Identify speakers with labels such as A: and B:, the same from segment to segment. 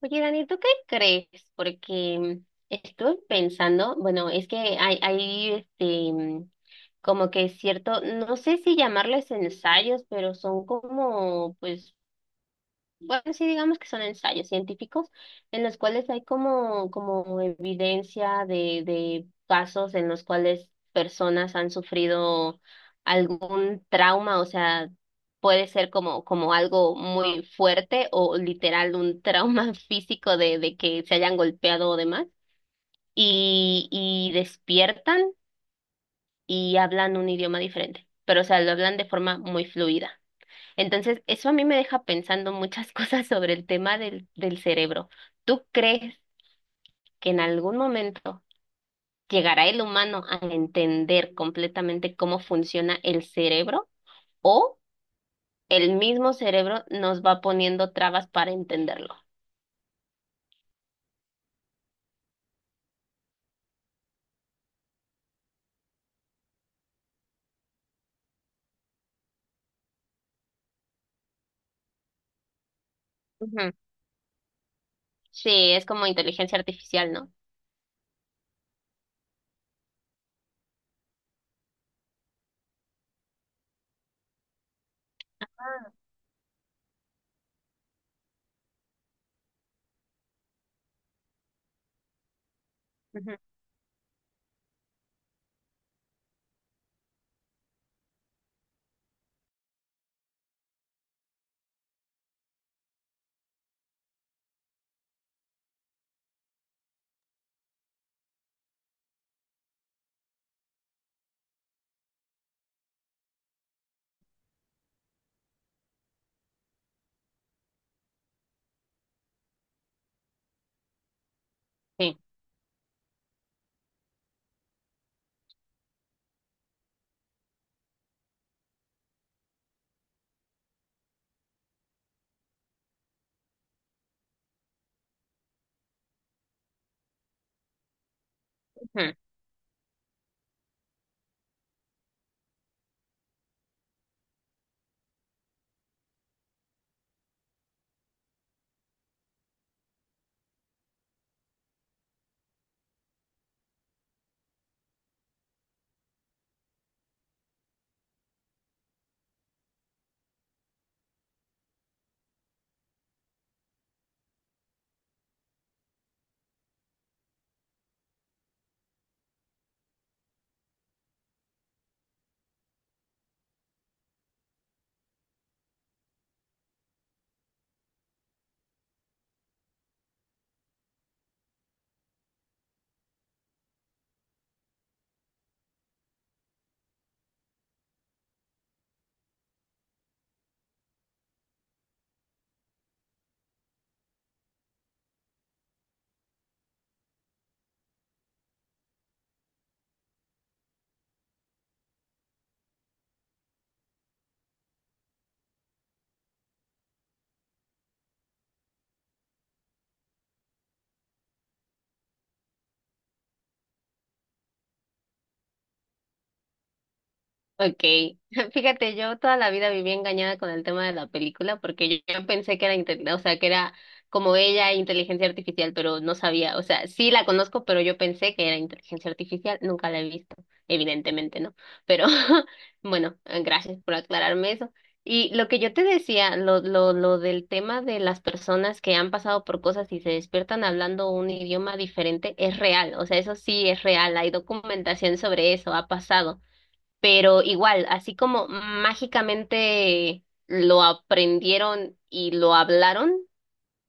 A: Oye, Dani, ¿tú qué crees? Porque estoy pensando, bueno, es que hay este, como que es cierto, no sé si llamarles ensayos, pero son como, pues, bueno, sí, digamos que son ensayos científicos en los cuales hay como, como evidencia de casos en los cuales personas han sufrido algún trauma, o sea, puede ser como, como algo muy fuerte o literal un trauma físico de que se hayan golpeado o demás, y despiertan y hablan un idioma diferente, pero o sea, lo hablan de forma muy fluida. Entonces, eso a mí me deja pensando muchas cosas sobre el tema del cerebro. ¿Tú crees que en algún momento llegará el humano a entender completamente cómo funciona el cerebro o el mismo cerebro nos va poniendo trabas para entenderlo? Ujú. Sí, es como inteligencia artificial, ¿no? Ujú. Sí. Ujú. Okay, fíjate, yo toda la vida viví engañada con el tema de la película porque yo pensé que era, inte- o sea, que era como ella, inteligencia artificial, pero no sabía, o sea, sí la conozco, pero yo pensé que era inteligencia artificial, nunca la he visto, evidentemente no, pero bueno, gracias por aclararme eso. Y lo que yo te decía, lo del tema de las personas que han pasado por cosas y se despiertan hablando un idioma diferente, es real, o sea, eso sí es real, hay documentación sobre eso, ha pasado. Pero igual, así como mágicamente lo aprendieron y lo hablaron,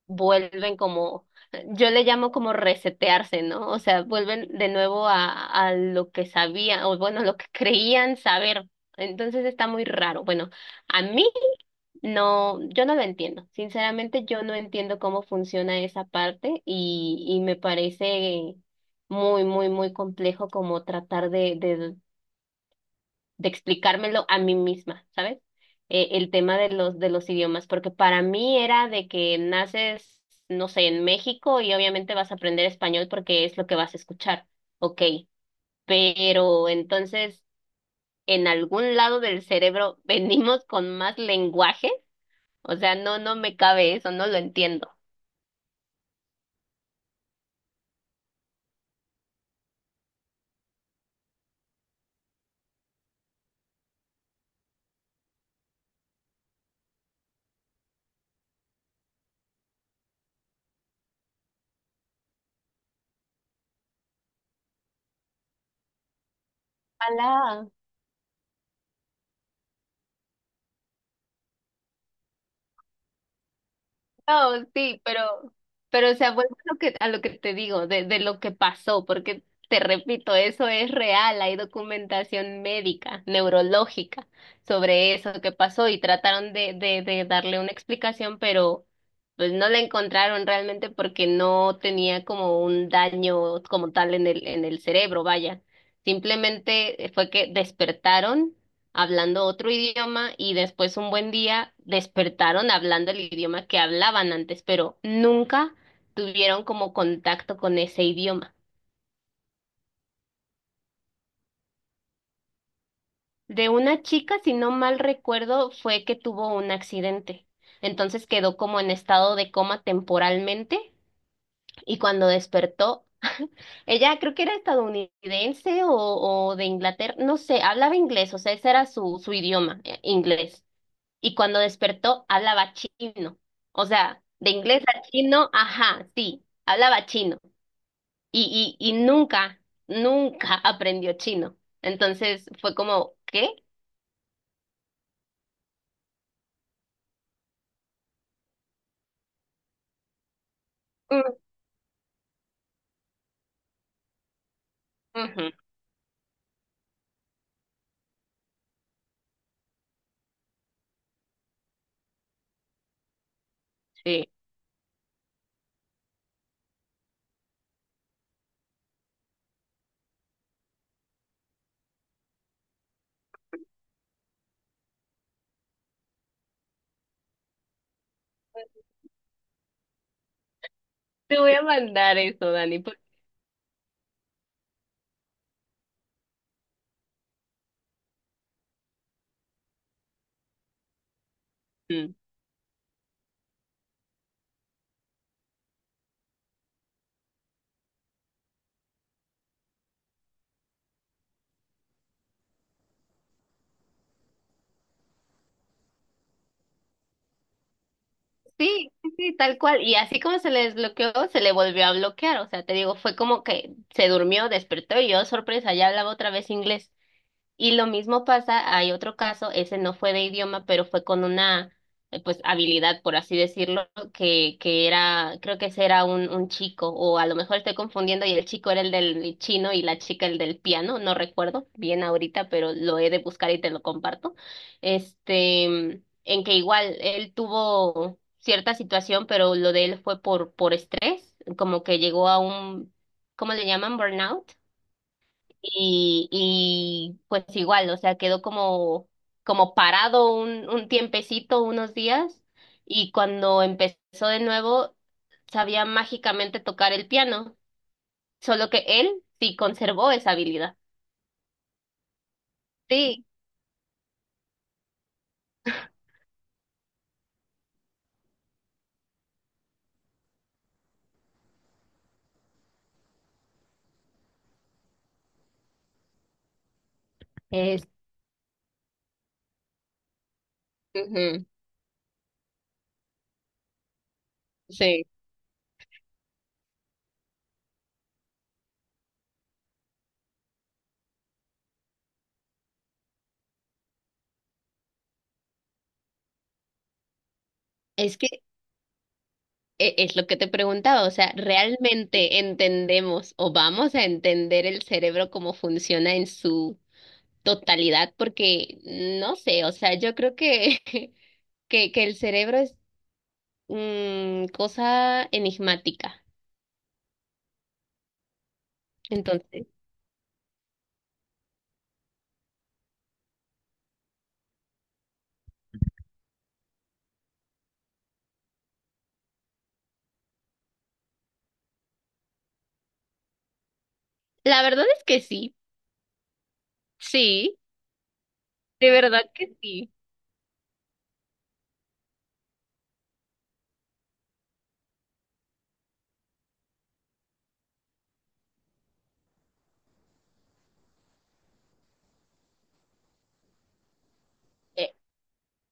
A: vuelven como, yo le llamo como resetearse, ¿no? O sea, vuelven de nuevo a lo que sabían, o bueno, lo que creían saber. Entonces está muy raro. Bueno, a mí no, yo no lo entiendo. Sinceramente, yo no entiendo cómo funciona esa parte y me parece muy, muy, muy complejo como tratar de explicármelo a mí misma, ¿sabes? El tema de los idiomas, porque para mí era de que naces, no sé, en México y obviamente vas a aprender español porque es lo que vas a escuchar, ok, pero entonces en algún lado del cerebro venimos con más lenguaje, o sea, no, no me cabe eso, no lo entiendo. Ojalá. No, sí, pero o sea, vuelvo a lo que te digo, de lo que pasó, porque te repito, eso es real, hay documentación médica, neurológica sobre eso que pasó y trataron de darle una explicación, pero pues no la encontraron realmente porque no tenía como un daño como tal en el cerebro, vaya. Simplemente fue que despertaron hablando otro idioma y después un buen día despertaron hablando el idioma que hablaban antes, pero nunca tuvieron como contacto con ese idioma. De una chica, si no mal recuerdo, fue que tuvo un accidente. Entonces quedó como en estado de coma temporalmente y cuando despertó, ella creo que era estadounidense o de Inglaterra, no sé, hablaba inglés, o sea, ese era su idioma, inglés. Y cuando despertó hablaba chino. O sea, de inglés a chino, ajá, sí, hablaba chino. Y nunca, nunca aprendió chino. Entonces fue como, ¿qué? Mm, ujú, sí. Te voy a mandar eso, Dani. Por- mm. Sí, sí, sí, tal cual. Y así como se le desbloqueó, se le volvió a bloquear. O sea, te digo, fue como que se durmió, despertó y yo, sorpresa, ya hablaba otra vez inglés. Y lo mismo pasa, hay otro caso, ese no fue de idioma, pero fue con una pues habilidad, por así decirlo, que era, creo que ese era un chico, o a lo mejor estoy confundiendo, y el chico era el del chino y la chica el del piano, no recuerdo bien ahorita, pero lo he de buscar y te lo comparto. Este, en que igual él tuvo cierta situación, pero lo de él fue por estrés, como que llegó a un, ¿cómo le llaman? Burnout. Y pues igual, o sea, quedó como, como parado un tiempecito, unos días, y cuando empezó de nuevo, sabía mágicamente tocar el piano, solo que él sí conservó esa habilidad. Sí, es, ujú, sí, es que e- es lo que te preguntaba, o sea, ¿realmente entendemos o vamos a entender el cerebro cómo funciona en su totalidad? Porque no sé, o sea, yo creo que, que el cerebro es mm, cosa enigmática. Entonces, la verdad es que sí, sí, de verdad que sí.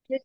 A: Eh,